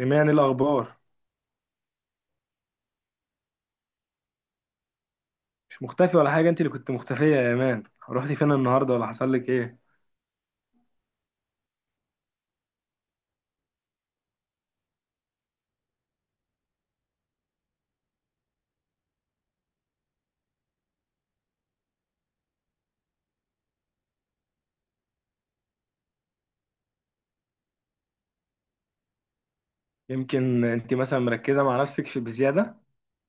إيمان الأخبار. مش مختفي ولا حاجة، أنت اللي كنت مختفية يا إيمان. رحتي فين النهاردة ولا حصل لك إيه؟ يمكن أنت مثلا مركزة مع نفسك بزيادة،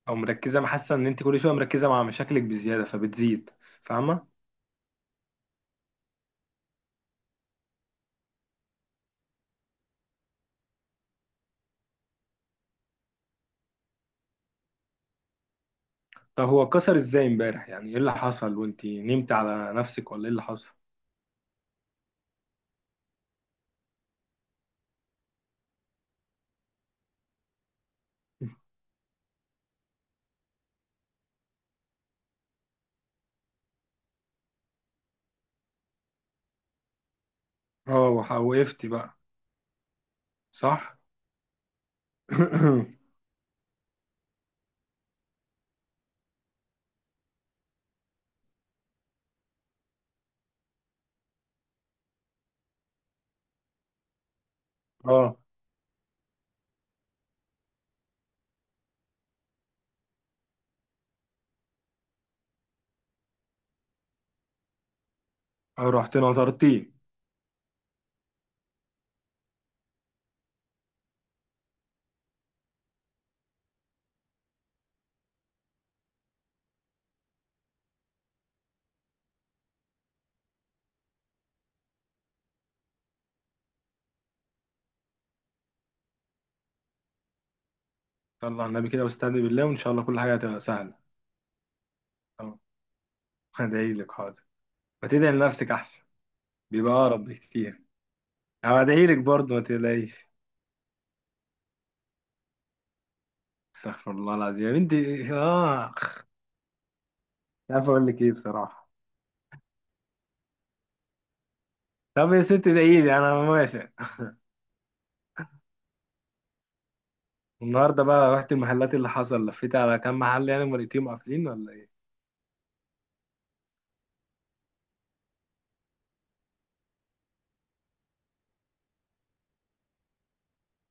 أو مركزة، حاسة إن أنت كل شوية مركزة مع مشاكلك بزيادة فبتزيد. فاهمة؟ طب هو اتكسر إزاي إمبارح؟ يعني إيه اللي حصل؟ وأنت نمت على نفسك ولا إيه اللي حصل؟ أه، وقفتي بقى. صح. أه. أه، رحت نطرتيه. يلا على النبي كده واستهدي بالله، وإن شاء الله كل حاجة هتبقى سهلة. أه، هدعيلك حاضر. ما تدعي لنفسك أحسن؟ بيبقى أقرب بكتير. هودعيلك برضه ما تقلقيش. استغفر الله العظيم يا بنتي. اه، مش عارف اقول لك ايه بصراحه. طب يا ست ادعيلي انا موافق. النهارده بقى رحت المحلات، اللي حصل لفيت على كام محل يعني، مرتين قافلين ولا ايه؟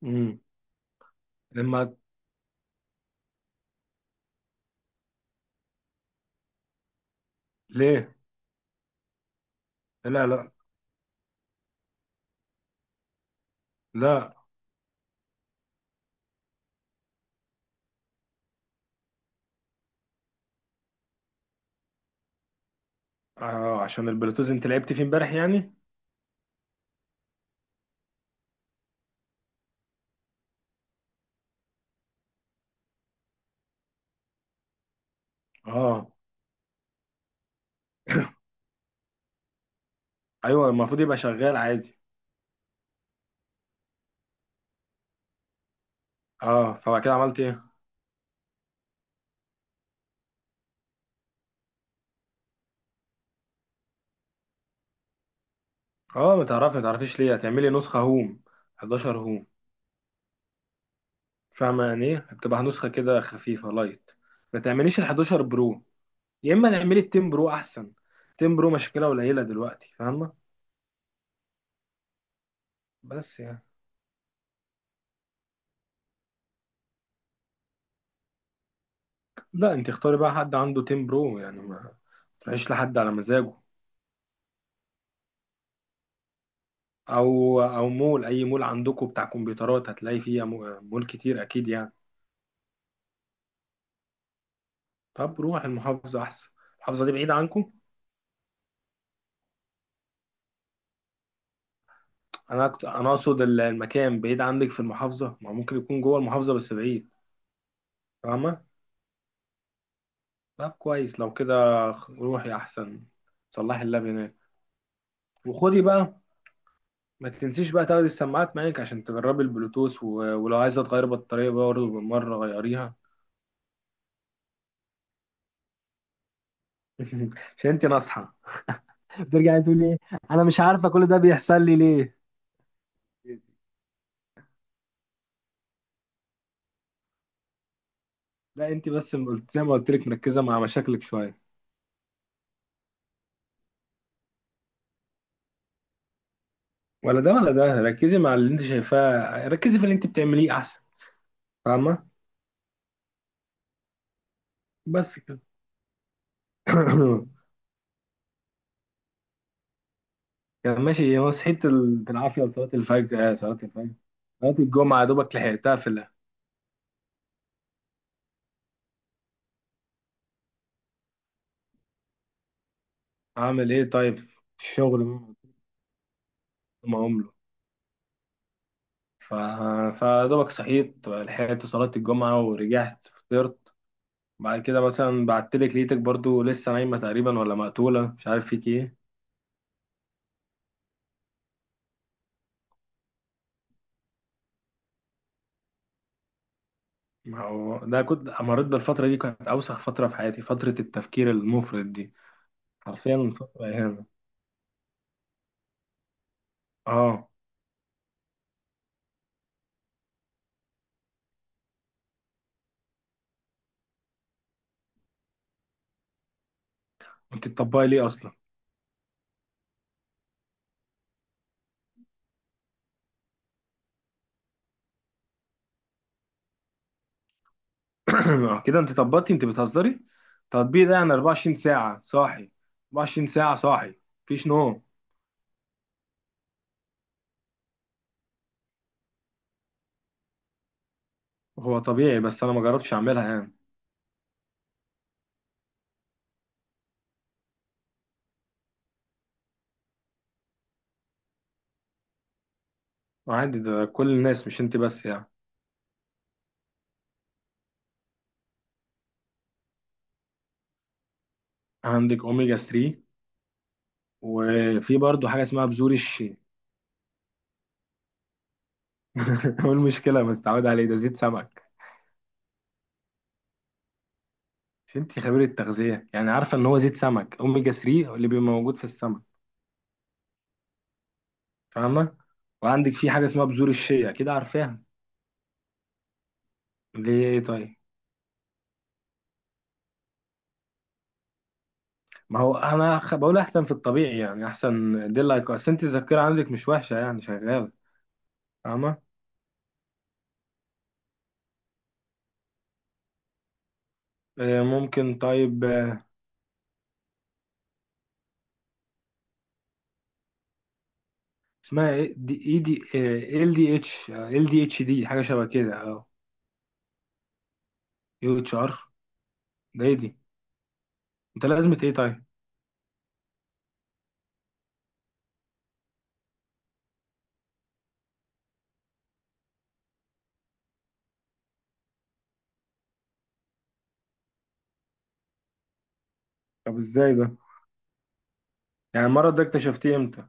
امم. لما، ليه؟ لا لا لا. آه، عشان البلوتوث انت لعبت فيه امبارح يعني. اه. ايوه، المفروض يبقى شغال عادي. اه، فبعد كده عملت ايه؟ اه، ما تعرفي، ما تعرفيش ليه هتعملي نسخه هوم؟ 11 هوم. فاهمة يعني ايه؟ بتبقى نسخة كده خفيفة، لايت. ما تعمليش ال 11 برو، يا اما تعملي ال 10 برو احسن. 10 برو مشكلة قليلة دلوقتي، فاهمة؟ بس يعني، لا انت اختاري بقى حد عنده 10 برو يعني، ما تروحيش لحد على مزاجه، او او مول، اي مول عندكم بتاع كمبيوترات هتلاقي فيه، مول كتير اكيد يعني. طب روح المحافظة احسن. المحافظة دي بعيدة عنكم؟ انا اقصد المكان بعيد عندك في المحافظة؟ ما ممكن يكون جوه المحافظة بس بعيد. فاهمة؟ طب كويس لو كده. روحي احسن، صلحي اللاب هناك. وخدي بقى، ما تنسيش بقى تاخدي السماعات معاك عشان تجربي البلوتوث ولو عايزه تغيري بطاريه برضه بالمره غيريها. عشان انت ناصحه بترجع تقول ايه؟ انا مش عارفه كل ده بيحصل لي ليه. لا انت بس زي ما قلت لك مركزه مع مشاكلك شويه. ولا ده ولا ده، ركزي مع اللي انت شايفاه، ركزي في اللي انت بتعمليه احسن. فاهمه؟ بس كده. كان ماشي. هو صحيت بالعافية لصلاة الفجر. آه، صلاة الفجر، صلاة الجمعة دوبك لحقتها في أعمل إيه طيب؟ الشغل، ما عمله. ف... فدوبك صحيت لحقت صلاة الجمعة ورجعت فطرت. بعد كده مثلا بعتلك لقيتك برضو لسه نايمة تقريبا، ولا مقتولة مش عارف فيك إيه. ما هو ده كنت مريت بالفترة دي، كانت أوسخ فترة في حياتي، فترة التفكير المفرط دي. حرفيا فترة إهانة. آه. أنت بتطبقي ليه أصلا؟ آه، كده انت طبقتي. انت بتهزري؟ التطبيق ده يعني 24 ساعة صاحي؟ 24 ساعة صاحي، مفيش نوم؟ هو طبيعي بس انا ما جربتش اعملها يعني. عادي، ده كل الناس مش انت بس يعني. عندك اوميجا 3، وفي برضه حاجة اسمها بذور الشيا. ايه المشكلة ما تتعود عليه، ده زيت سمك. مش انت خبيرة تغذية يعني؟ عارفة ان هو زيت سمك، اوميجا 3 اللي بيبقى موجود في السمك. فاهمة؟ وعندك في حاجة اسمها بذور الشيا، كده عارفاها. ليه طيب؟ ما هو انا بقول احسن في الطبيعي، يعني احسن، دي لايك، اصل انت الذاكره عندك مش وحشه يعني، شغاله. فاهمه؟ آه، ممكن طيب. آه، اسمها ايه دي، اي دي؟ آه، ال دي اتش، آه، ال دي اتش دي، حاجه شبه كده اه. يو اتش ار، ده ايه دي؟ انت لازمه ايه طيب؟ طب ازاي ده؟ يعني المرض ده اكتشفتيه امتى؟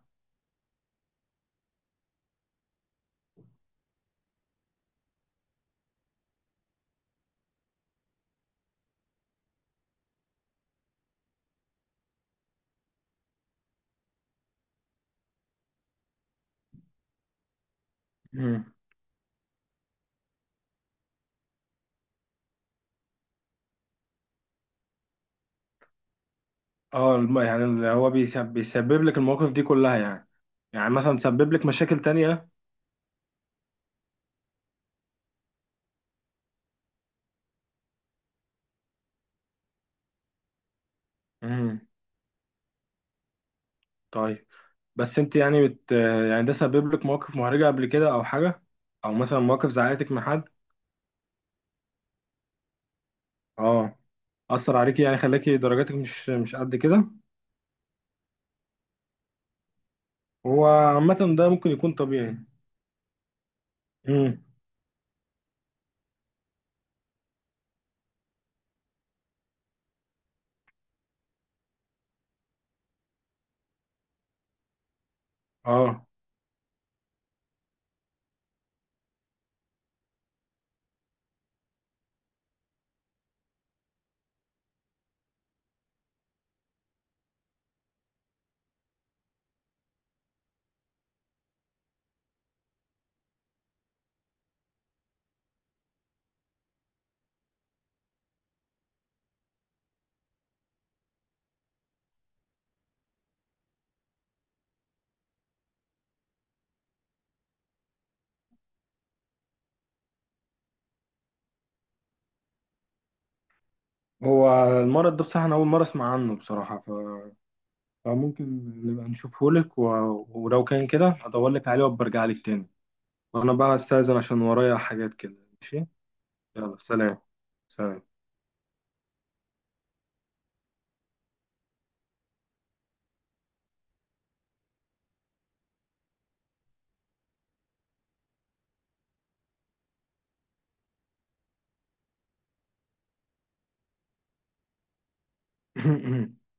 مم. اه يعني اللي هو بيسبب, بيسبب لك المواقف دي كلها يعني؟ يعني مثلا سبب لك مشاكل تانية؟ مم. طيب، بس انت يعني بت، يعني ده سبب لك مواقف محرجة قبل كده او حاجة؟ او مثلا مواقف زعلتك من حد؟ اه، اثر عليكي يعني، خلاكي درجاتك مش مش قد كده. هو عامة ده ممكن يكون طبيعي. امم، اه. هو المرض ده بصراحة انا اول مرة اسمع عنه بصراحة. فممكن نبقى نشوفه لك ولو كان كده هدور لك عليه وبرجع لك تاني. وانا بقى استاذن عشان ورايا حاجات كده. ماشي. يلا سلام. سلام.